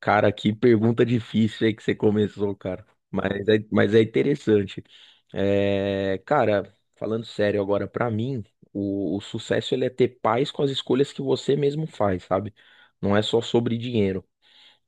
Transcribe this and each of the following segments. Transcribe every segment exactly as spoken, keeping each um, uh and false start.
Cara, que pergunta difícil aí que você começou, cara. Mas é, mas é interessante. É, cara, falando sério agora, pra mim, o, o sucesso ele é ter paz com as escolhas que você mesmo faz, sabe? Não é só sobre dinheiro.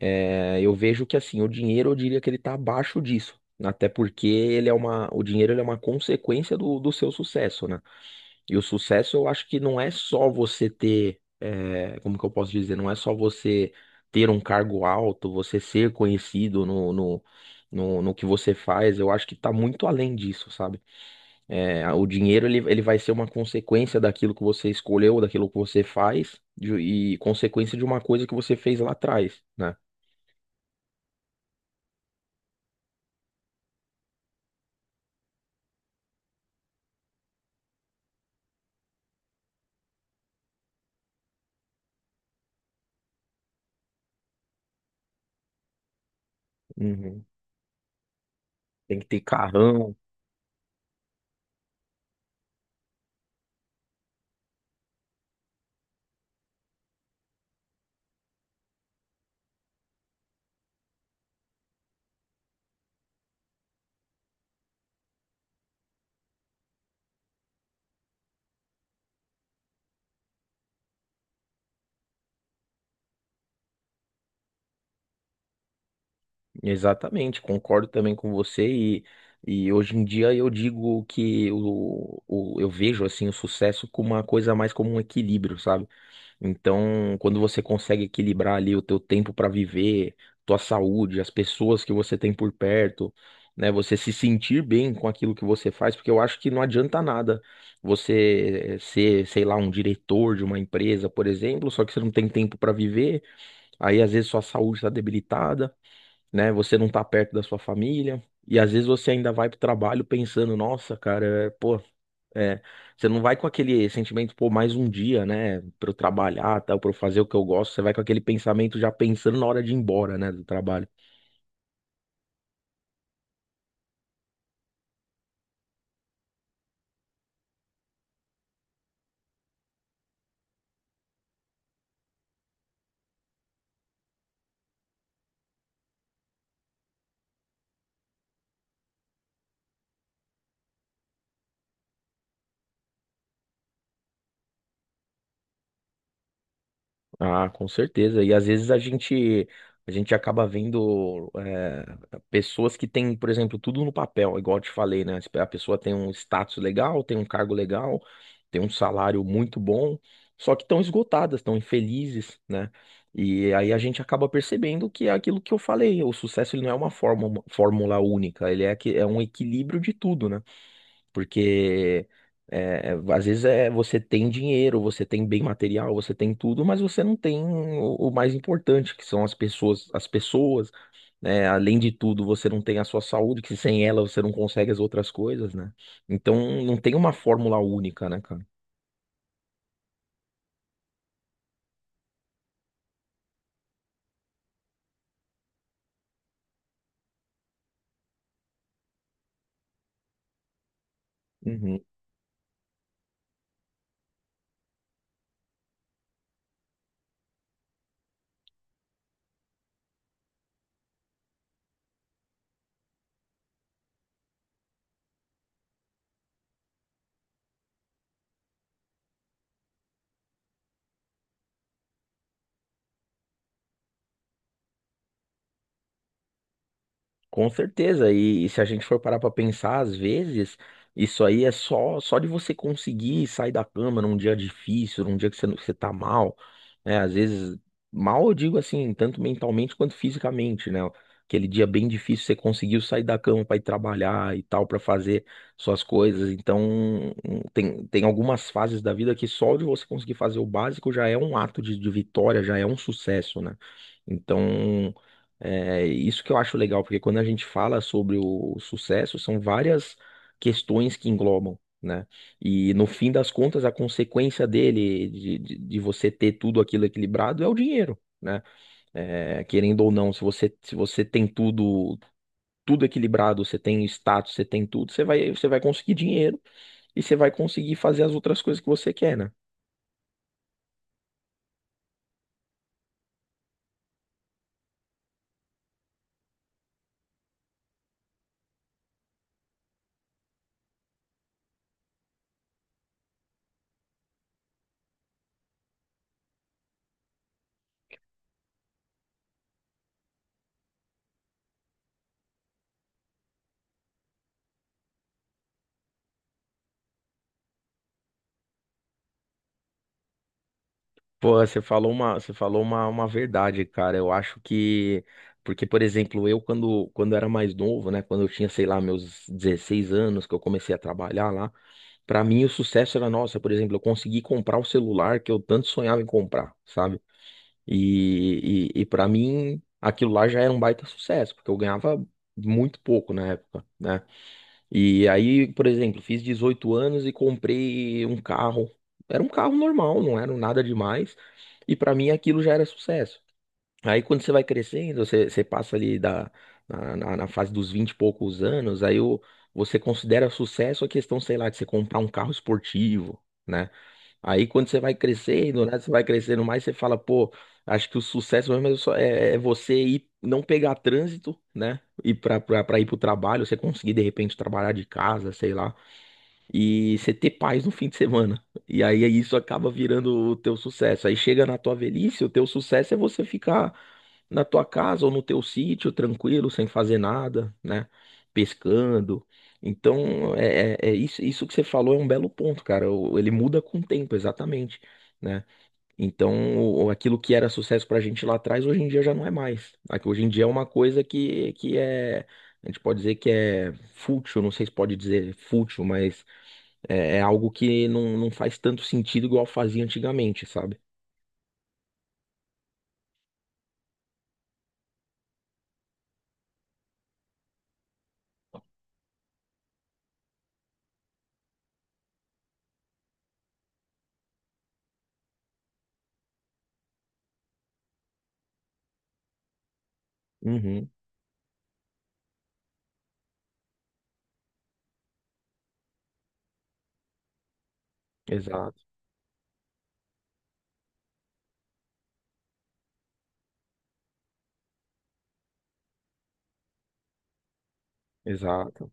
É, eu vejo que assim, o dinheiro eu diria que ele tá abaixo disso. Até porque ele é uma, o dinheiro ele é uma consequência do, do seu sucesso, né? E o sucesso eu acho que não é só você ter, eh, como que eu posso dizer, não é só você ter um cargo alto, você ser conhecido no, no, no, no que você faz, eu acho que tá muito além disso, sabe? Eh, o dinheiro ele, ele vai ser uma consequência daquilo que você escolheu, daquilo que você faz, de- e consequência de uma coisa que você fez lá atrás, né? Uhum. Tem que ter carrão. Exatamente, concordo também com você, e, e hoje em dia eu digo que o, o, eu vejo assim o sucesso como uma coisa mais como um equilíbrio, sabe? Então, quando você consegue equilibrar ali o teu tempo para viver, tua saúde, as pessoas que você tem por perto, né? Você se sentir bem com aquilo que você faz, porque eu acho que não adianta nada você ser, sei lá, um diretor de uma empresa, por exemplo, só que você não tem tempo para viver, aí às vezes sua saúde está debilitada, né? Você não tá perto da sua família e às vezes você ainda vai pro trabalho pensando, nossa, cara, é, pô, é, você não vai com aquele sentimento, pô, mais um dia, né, pra eu trabalhar, tal, para eu fazer o que eu gosto, você vai com aquele pensamento já pensando na hora de ir embora, né, do trabalho. Ah, com certeza. E às vezes a gente a gente acaba vendo, eh, pessoas que têm, por exemplo, tudo no papel, igual eu te falei, né? A pessoa tem um status legal, tem um cargo legal, tem um salário muito bom, só que estão esgotadas, estão infelizes, né? E aí a gente acaba percebendo que é aquilo que eu falei, o sucesso ele não é uma fórmula, fórmula única, ele é, que, é um equilíbrio de tudo, né? Porque é, às vezes é, você tem dinheiro, você tem bem material, você tem tudo, mas você não tem o, o mais importante, que são as pessoas, as pessoas, né? Além de tudo, você não tem a sua saúde, que sem ela você não consegue as outras coisas, né? Então não tem uma fórmula única, né, cara? Uhum. Com certeza, e, e se a gente for parar pra pensar, às vezes, isso aí é só só de você conseguir sair da cama num dia difícil, num dia que você, não- você tá mal, né? Às vezes, mal eu digo assim, tanto mentalmente quanto fisicamente, né? Aquele dia bem difícil, você conseguiu sair da cama pra ir trabalhar e tal, pra fazer suas coisas. Então, tem, tem algumas fases da vida que só de você conseguir fazer o básico já é um ato de, de vitória, já é um sucesso, né? Então. É isso que eu acho legal, porque quando a gente fala sobre o sucesso, são várias questões que englobam, né? E no fim das contas, a consequência dele, de, de, de você ter tudo aquilo equilibrado, é o dinheiro, né? É, querendo ou não, se você, se você tem tudo, tudo equilibrado, você tem status, você tem tudo, você vai, você vai conseguir dinheiro e você vai conseguir fazer as outras coisas que você quer, né? Pô, você falou uma, você falou uma, uma verdade, cara. Eu acho que, porque, por exemplo, eu quando, quando era mais novo, né, quando eu tinha, sei lá, meus dezesseis anos, que eu comecei a trabalhar lá, pra mim o sucesso era, nossa, por exemplo, eu consegui comprar o celular que eu tanto sonhava em comprar, sabe? E, e, e para mim aquilo lá já era um baita sucesso, porque eu ganhava muito pouco na época, né? E aí, por exemplo, fiz dezoito anos e comprei um carro. Era um carro normal, não era nada demais. E pra mim aquilo já era sucesso. Aí quando você vai crescendo, você, você passa ali da, na, na- na fase dos vinte e poucos anos, aí o, você considera sucesso a questão, sei lá, de você comprar um carro esportivo, né. Aí quando você vai crescendo, né? Você vai crescendo mais, você fala, pô, acho que o sucesso mesmo é, só- é- é você ir, não pegar trânsito, né? E para ir para o trabalho, você conseguir de repente trabalhar de casa, sei lá, e você ter paz no fim de semana. E aí isso acaba virando o teu sucesso. Aí chega na tua velhice, o teu sucesso é você ficar na tua casa ou no teu sítio, tranquilo, sem fazer nada, né? Pescando. Então, é, é- é isso, isso que você falou é um belo ponto, cara. O- Ele muda com o tempo, exatamente, né? Então, o- aquilo que era sucesso pra gente lá atrás, hoje em dia já não é mais. Aqui, Hoje em dia é uma coisa que, que é, a gente pode dizer que é fútil, não sei se pode dizer fútil, mas é, é algo que não, não faz tanto sentido igual fazia antigamente, sabe? Uhum, exato, exato.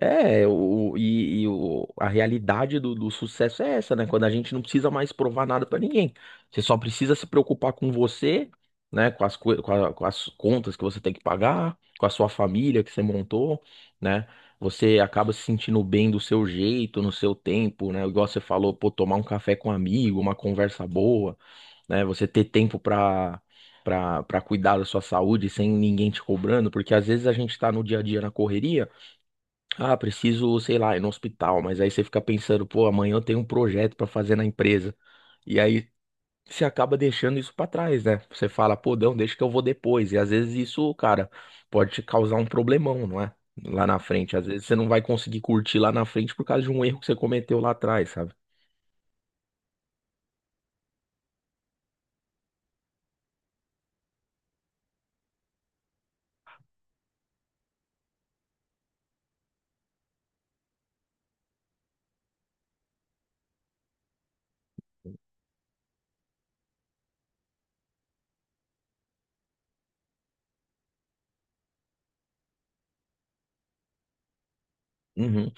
É, o, e, e o, a realidade do, do sucesso é essa, né? Quando a gente não precisa mais provar nada pra ninguém. Você só precisa se preocupar com você, né? Com as, coi- com a- com as contas que você tem que pagar, com a sua família que você montou, né? Você acaba se sentindo bem do seu jeito, no seu tempo, né? Igual você falou, pô, tomar um café com um amigo, uma conversa boa, né? Você ter tempo pra. Para pra cuidar da sua saúde sem ninguém te cobrando, porque às vezes a gente tá no dia a dia na correria. Ah, preciso, sei lá, ir no hospital, mas aí você fica pensando, pô, amanhã eu tenho um projeto pra fazer na empresa. E aí você acaba deixando isso pra trás, né? Você fala, pô, não, deixa que eu vou depois. E às vezes isso, cara, pode te causar um problemão, não é, lá na frente. Às vezes você não vai conseguir curtir lá na frente por causa de um erro que você cometeu lá atrás, sabe? Uhum.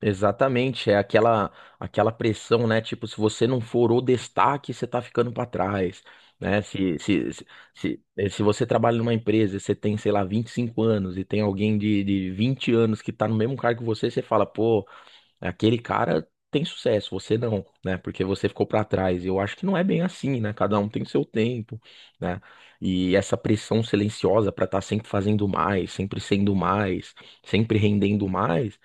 Exatamente, é aquela aquela pressão, né? Tipo, se você não for o destaque, você tá ficando pra trás, né? Se, se, se, se, eh, se você trabalha numa empresa e você tem, sei lá, vinte e cinco anos e tem alguém de, de vinte anos que tá no mesmo cargo que você, você fala, pô, aquele cara tem sucesso, você não, né? Porque você ficou pra trás. Eu acho que não é bem assim, né? Cada um tem o seu tempo, né? E essa pressão silenciosa pra estar sempre fazendo mais, sempre sendo mais, sempre rendendo mais.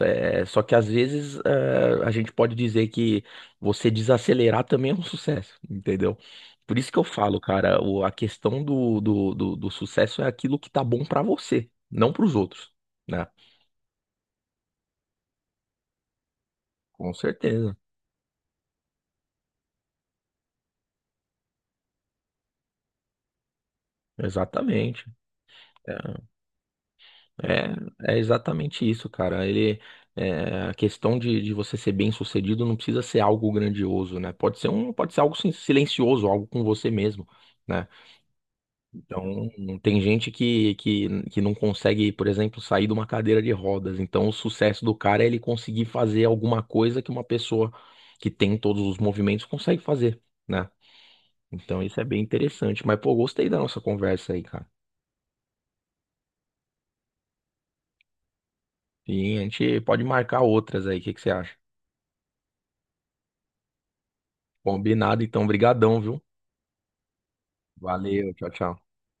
É, só que às vezes é, a gente pode dizer que você desacelerar também é um sucesso, entendeu? Por isso que eu falo, cara, o- a questão do, do, do, do sucesso é aquilo que tá bom pra você, não pros outros, né? Com certeza, exatamente. É, é é exatamente isso, cara. Ele, é, a questão de, de você ser bem-sucedido não precisa ser algo grandioso, né? Pode ser um, pode ser algo sin- silencioso, algo com você mesmo, né? Então, tem gente que, que, que não consegue, por exemplo, sair de uma cadeira de rodas. Então, o sucesso do cara é ele conseguir fazer alguma coisa que uma pessoa que tem todos os movimentos consegue fazer, né? Então, isso é bem interessante. Mas, pô, gostei da nossa conversa aí, cara. E a gente pode marcar outras aí. O que que você acha? Combinado, então. Brigadão, viu? Valeu, tchau, tchau.